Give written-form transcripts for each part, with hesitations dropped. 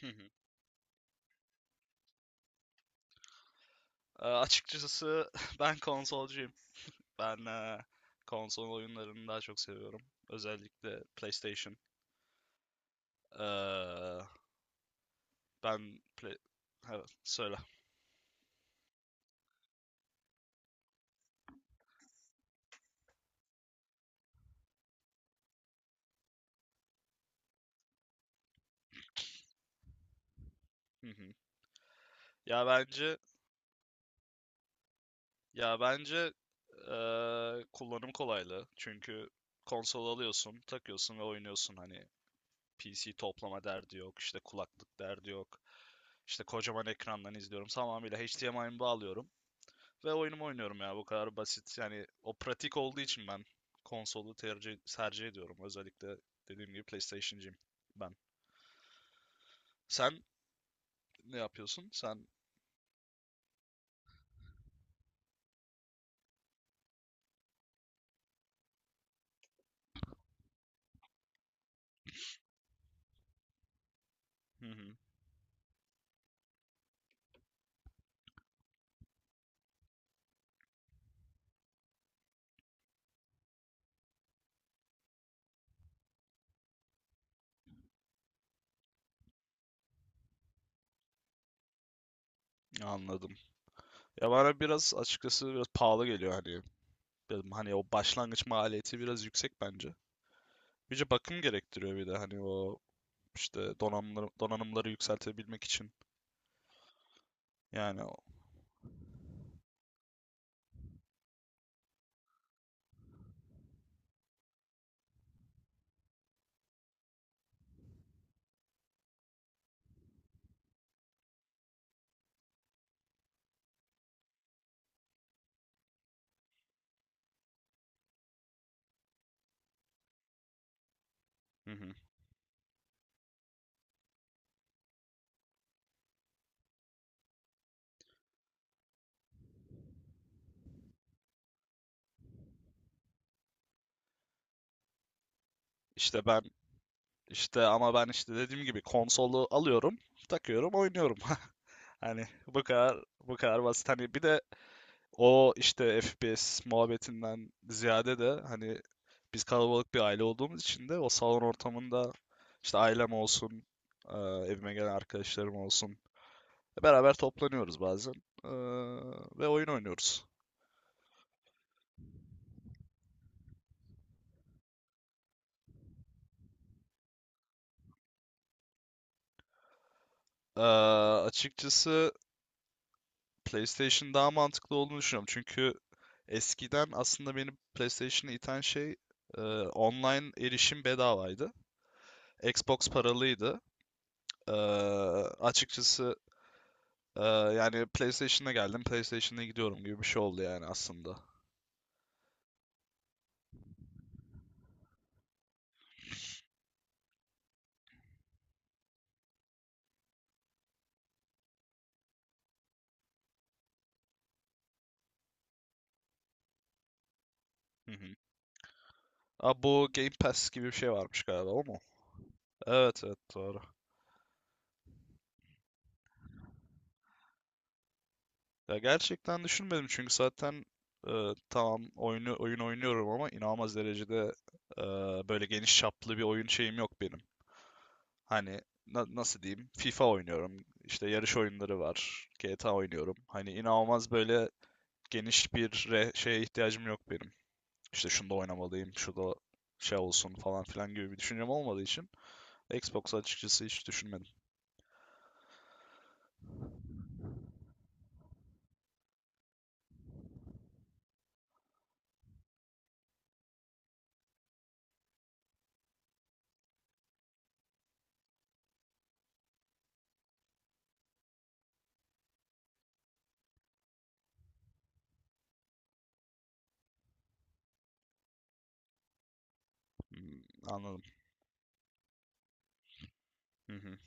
Hı hı. Açıkçası ben konsolcuyum. Ben konsol oyunlarını daha çok seviyorum. Özellikle PlayStation. Eee, ben play... Evet, söyle. Hı hı. Ya bence Ya bence, kullanım kolaylığı. Çünkü konsol alıyorsun, takıyorsun ve oynuyorsun. Hani PC toplama derdi yok, işte kulaklık derdi yok. İşte kocaman ekrandan izliyorum. Tamamıyla HDMI'mi bağlıyorum ve oyunumu oynuyorum ya. Bu kadar basit. Yani o pratik olduğu için ben konsolu tercih ediyorum. Özellikle dediğim gibi PlayStation'cıyım ben. Sen ne yapıyorsun? Hı hı, anladım. Ya bana biraz açıkçası biraz pahalı geliyor hani. Dedim hani o başlangıç maliyeti biraz yüksek bence. Birce bakım gerektiriyor, bir de hani o işte donanımları yükseltebilmek için. Yani o. Hı hı. İşte ben işte ama ben işte dediğim gibi konsolu alıyorum, takıyorum, oynuyorum. Hani bu kadar basit. Hani bir de o işte FPS muhabbetinden ziyade de hani biz kalabalık bir aile olduğumuz için de o salon ortamında işte ailem olsun, eee, evime gelen arkadaşlarım olsun. Beraber toplanıyoruz bazen. Ee, Ve oyun oynuyoruz. Ee, Açıkçası PlayStation daha mantıklı olduğunu düşünüyorum. Çünkü eskiden aslında beni PlayStation'a iten şey online erişim bedavaydı. Xbox paralıydı. Ee, Açıkçası yani PlayStation'a geldim, PlayStation'a gidiyorum gibi bir şey oldu yani aslında. Hı hı. Aa, bu Game Pass gibi bir şey varmış galiba, o mu? Evet, evet, doğru. Ya gerçekten düşünmedim çünkü zaten tamam, oyun oynuyorum ama inanılmaz derecede e, böyle geniş çaplı bir oyun şeyim yok benim. Hani nasıl diyeyim? FIFA oynuyorum. İşte yarış oyunları var. GTA oynuyorum. Hani inanılmaz böyle geniş bir şeye ihtiyacım yok benim. İşte şunu da oynamalıyım, şu da şey olsun falan filan gibi bir düşüncem olmadığı için Xbox açıkçası hiç düşünmedim. Hmm, anladım. Hı hı,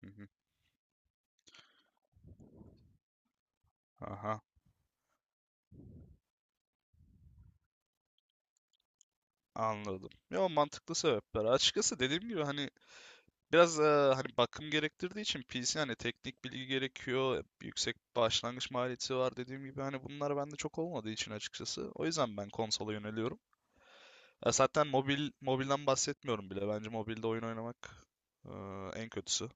hı hı. Aha, anladım. Ya, mantıklı sebepler. Açıkçası dediğim gibi hani biraz hani bakım gerektirdiği için PC hani teknik bilgi gerekiyor, yüksek başlangıç maliyeti var, dediğim gibi hani bunlar bende çok olmadığı için açıkçası. O yüzden ben konsola yöneliyorum. Zaten mobilden bahsetmiyorum bile. Bence mobilde oyun oynamak e, en kötüsü.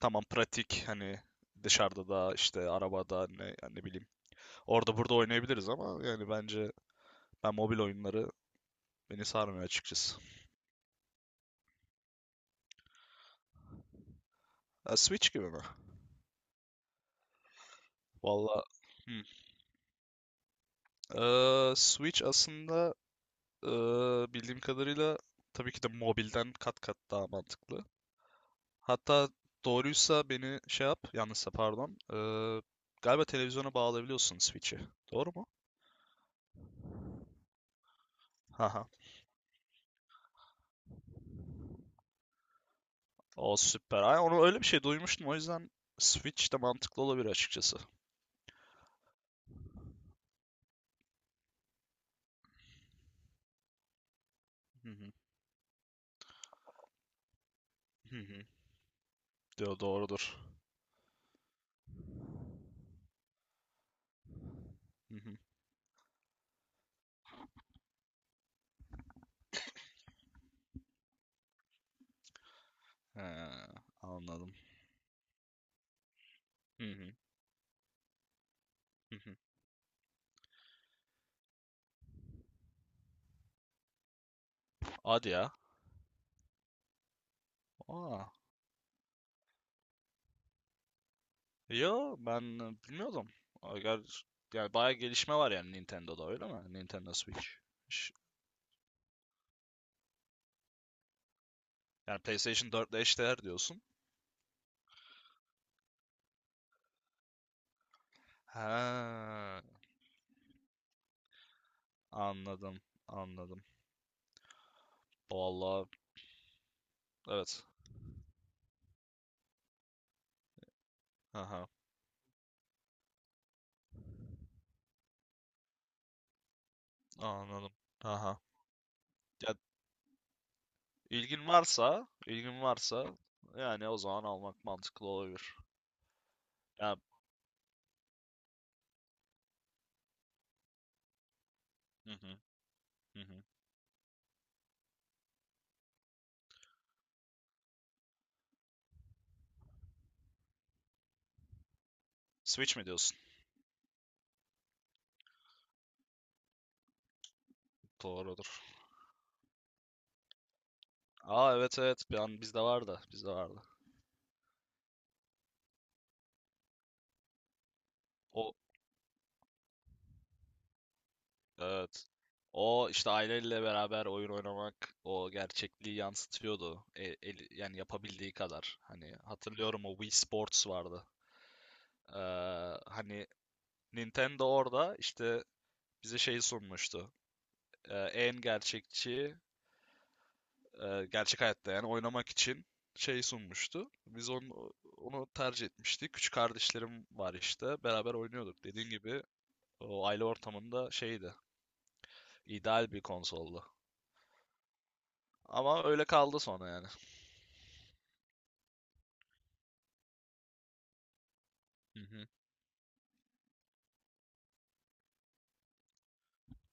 Tamam, pratik, hani dışarıda da işte arabada ne, yani ne bileyim, orada burada oynayabiliriz ama yani bence ben mobil oyunları, beni sarmıyor açıkçası. Switch gibi mi? Valla, hmm. Switch aslında Ee, bildiğim kadarıyla tabii ki de mobilden kat kat daha mantıklı. Hatta doğruysa beni şey yap, yanlışsa pardon. Galiba televizyona bağlayabiliyorsun Switch'i. Doğru mu? Haha. O süper. Ay, onu öyle bir şey duymuştum. O yüzden Switch de mantıklı olabilir açıkçası. Hı hı. Hı hı. Diyor doğrudur. Hı hı. He, anladım. Hı hı. Hı hı. Hadi ya. Aa. Yo, ben bilmiyordum. Agar yani bayağı gelişme var yani Nintendo'da öyle mi? Nintendo Switch. Ş- Yani PlayStation 4 ile eşdeğer diyorsun. Ha, anladım, anladım. Vallahi, evet. Aha, anladım. Aha. Ya, ilgin varsa yani o zaman almak mantıklı olabilir. Ya, hı hı, hı hı. Switch mi diyorsun? Doğrudur. Aa, evet, evet. Bir an bizde vardı. Bizde vardı. O Evet. O işte aileyle beraber oyun oynamak o gerçekliği yansıtıyordu. Yani yapabildiği kadar. Hani hatırlıyorum, o Wii Sports vardı. Ee, Hani Nintendo orada işte bize şeyi sunmuştu. En gerçekçi, gerçek hayatta yani oynamak için şey sunmuştu. Biz onu tercih etmiştik. Küçük kardeşlerim var işte. Beraber oynuyorduk. Dediğin gibi o aile ortamında şeydi. İdeal bir konsoldu. Ama öyle kaldı sonra yani. Hı hı,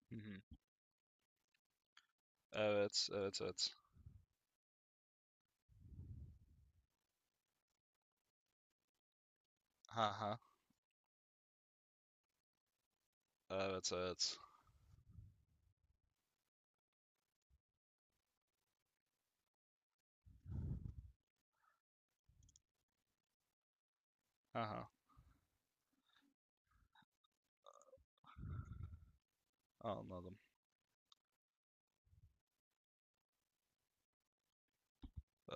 hı hı. Evet, evet, evet. Ha ha. Evet, evet. Ha ha. Anladım.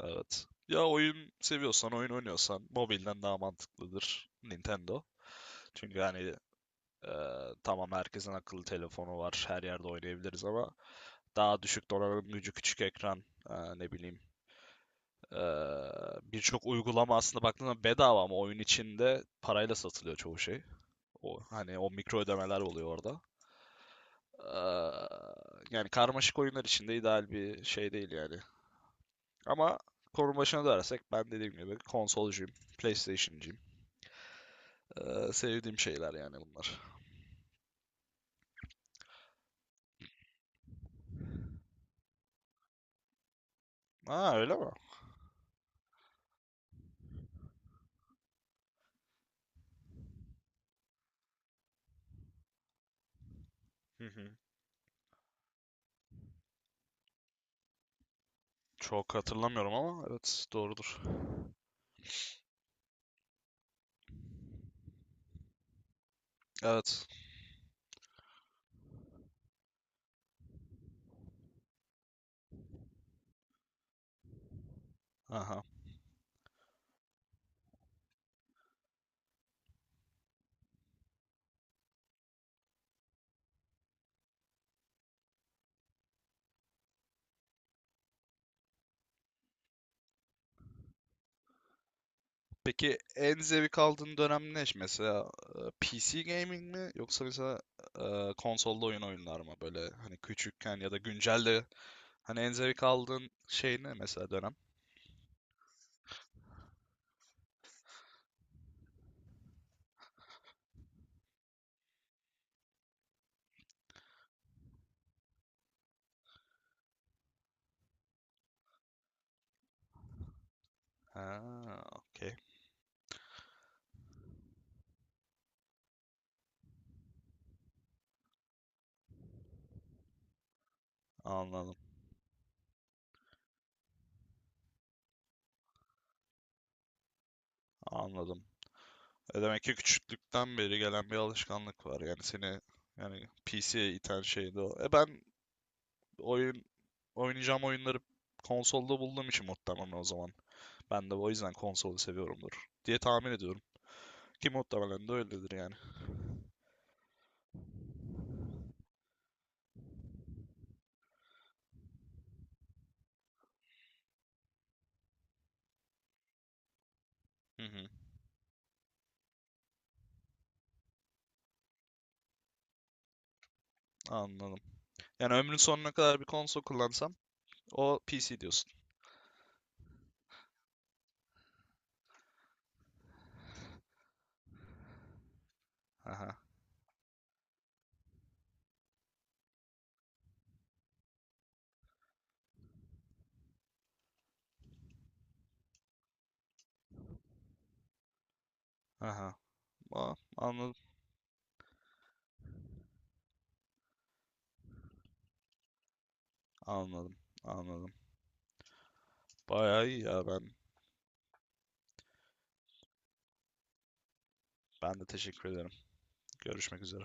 Evet. Ya, oyun seviyorsan, oyun oynuyorsan mobilden daha mantıklıdır Nintendo. Çünkü hani e, tamam, herkesin akıllı telefonu var, her yerde oynayabiliriz ama daha düşük donanım gücü, küçük ekran, ne bileyim, e, birçok uygulama aslında baktığında bedava ama oyun içinde parayla satılıyor çoğu şey. O, hani o mikro ödemeler oluyor orada. Aa, yani karmaşık oyunlar için de ideal bir şey değil yani. Ama konu başına dönersek ben dediğim gibi konsolcuyum, PlayStation'cıyım. Sevdiğim şeyler yani bunlar. Ha, öyle mi? Hı hı. Çok hatırlamıyorum ama evet, doğrudur. Evet. Aha. Peki en zevk aldığın dönem ne? Mesela PC gaming mi yoksa mesela konsolda oyunlar mı? Böyle hani küçükken ya da güncelde hani en zevk aldığın şey ne mesela, dönem? Ha, okey. Anladım. Anladım. Demek ki küçüklükten beri gelen bir alışkanlık var. Yani seni yani PC'ye iten şeydi o. Ben oyun oynayacağım oyunları konsolda bulduğum için muhtemelen, o zaman. Ben de o yüzden konsolu seviyorumdur diye tahmin ediyorum. Ki muhtemelen de öyledir yani. Hı hı, anladım. Yani ömrün sonuna kadar bir konsol kullansam o PC diyorsun. Aha, aha. Aa, anladım, anladım, anladım. Bayağı iyi ya ben. Ben de teşekkür ederim. Görüşmek üzere.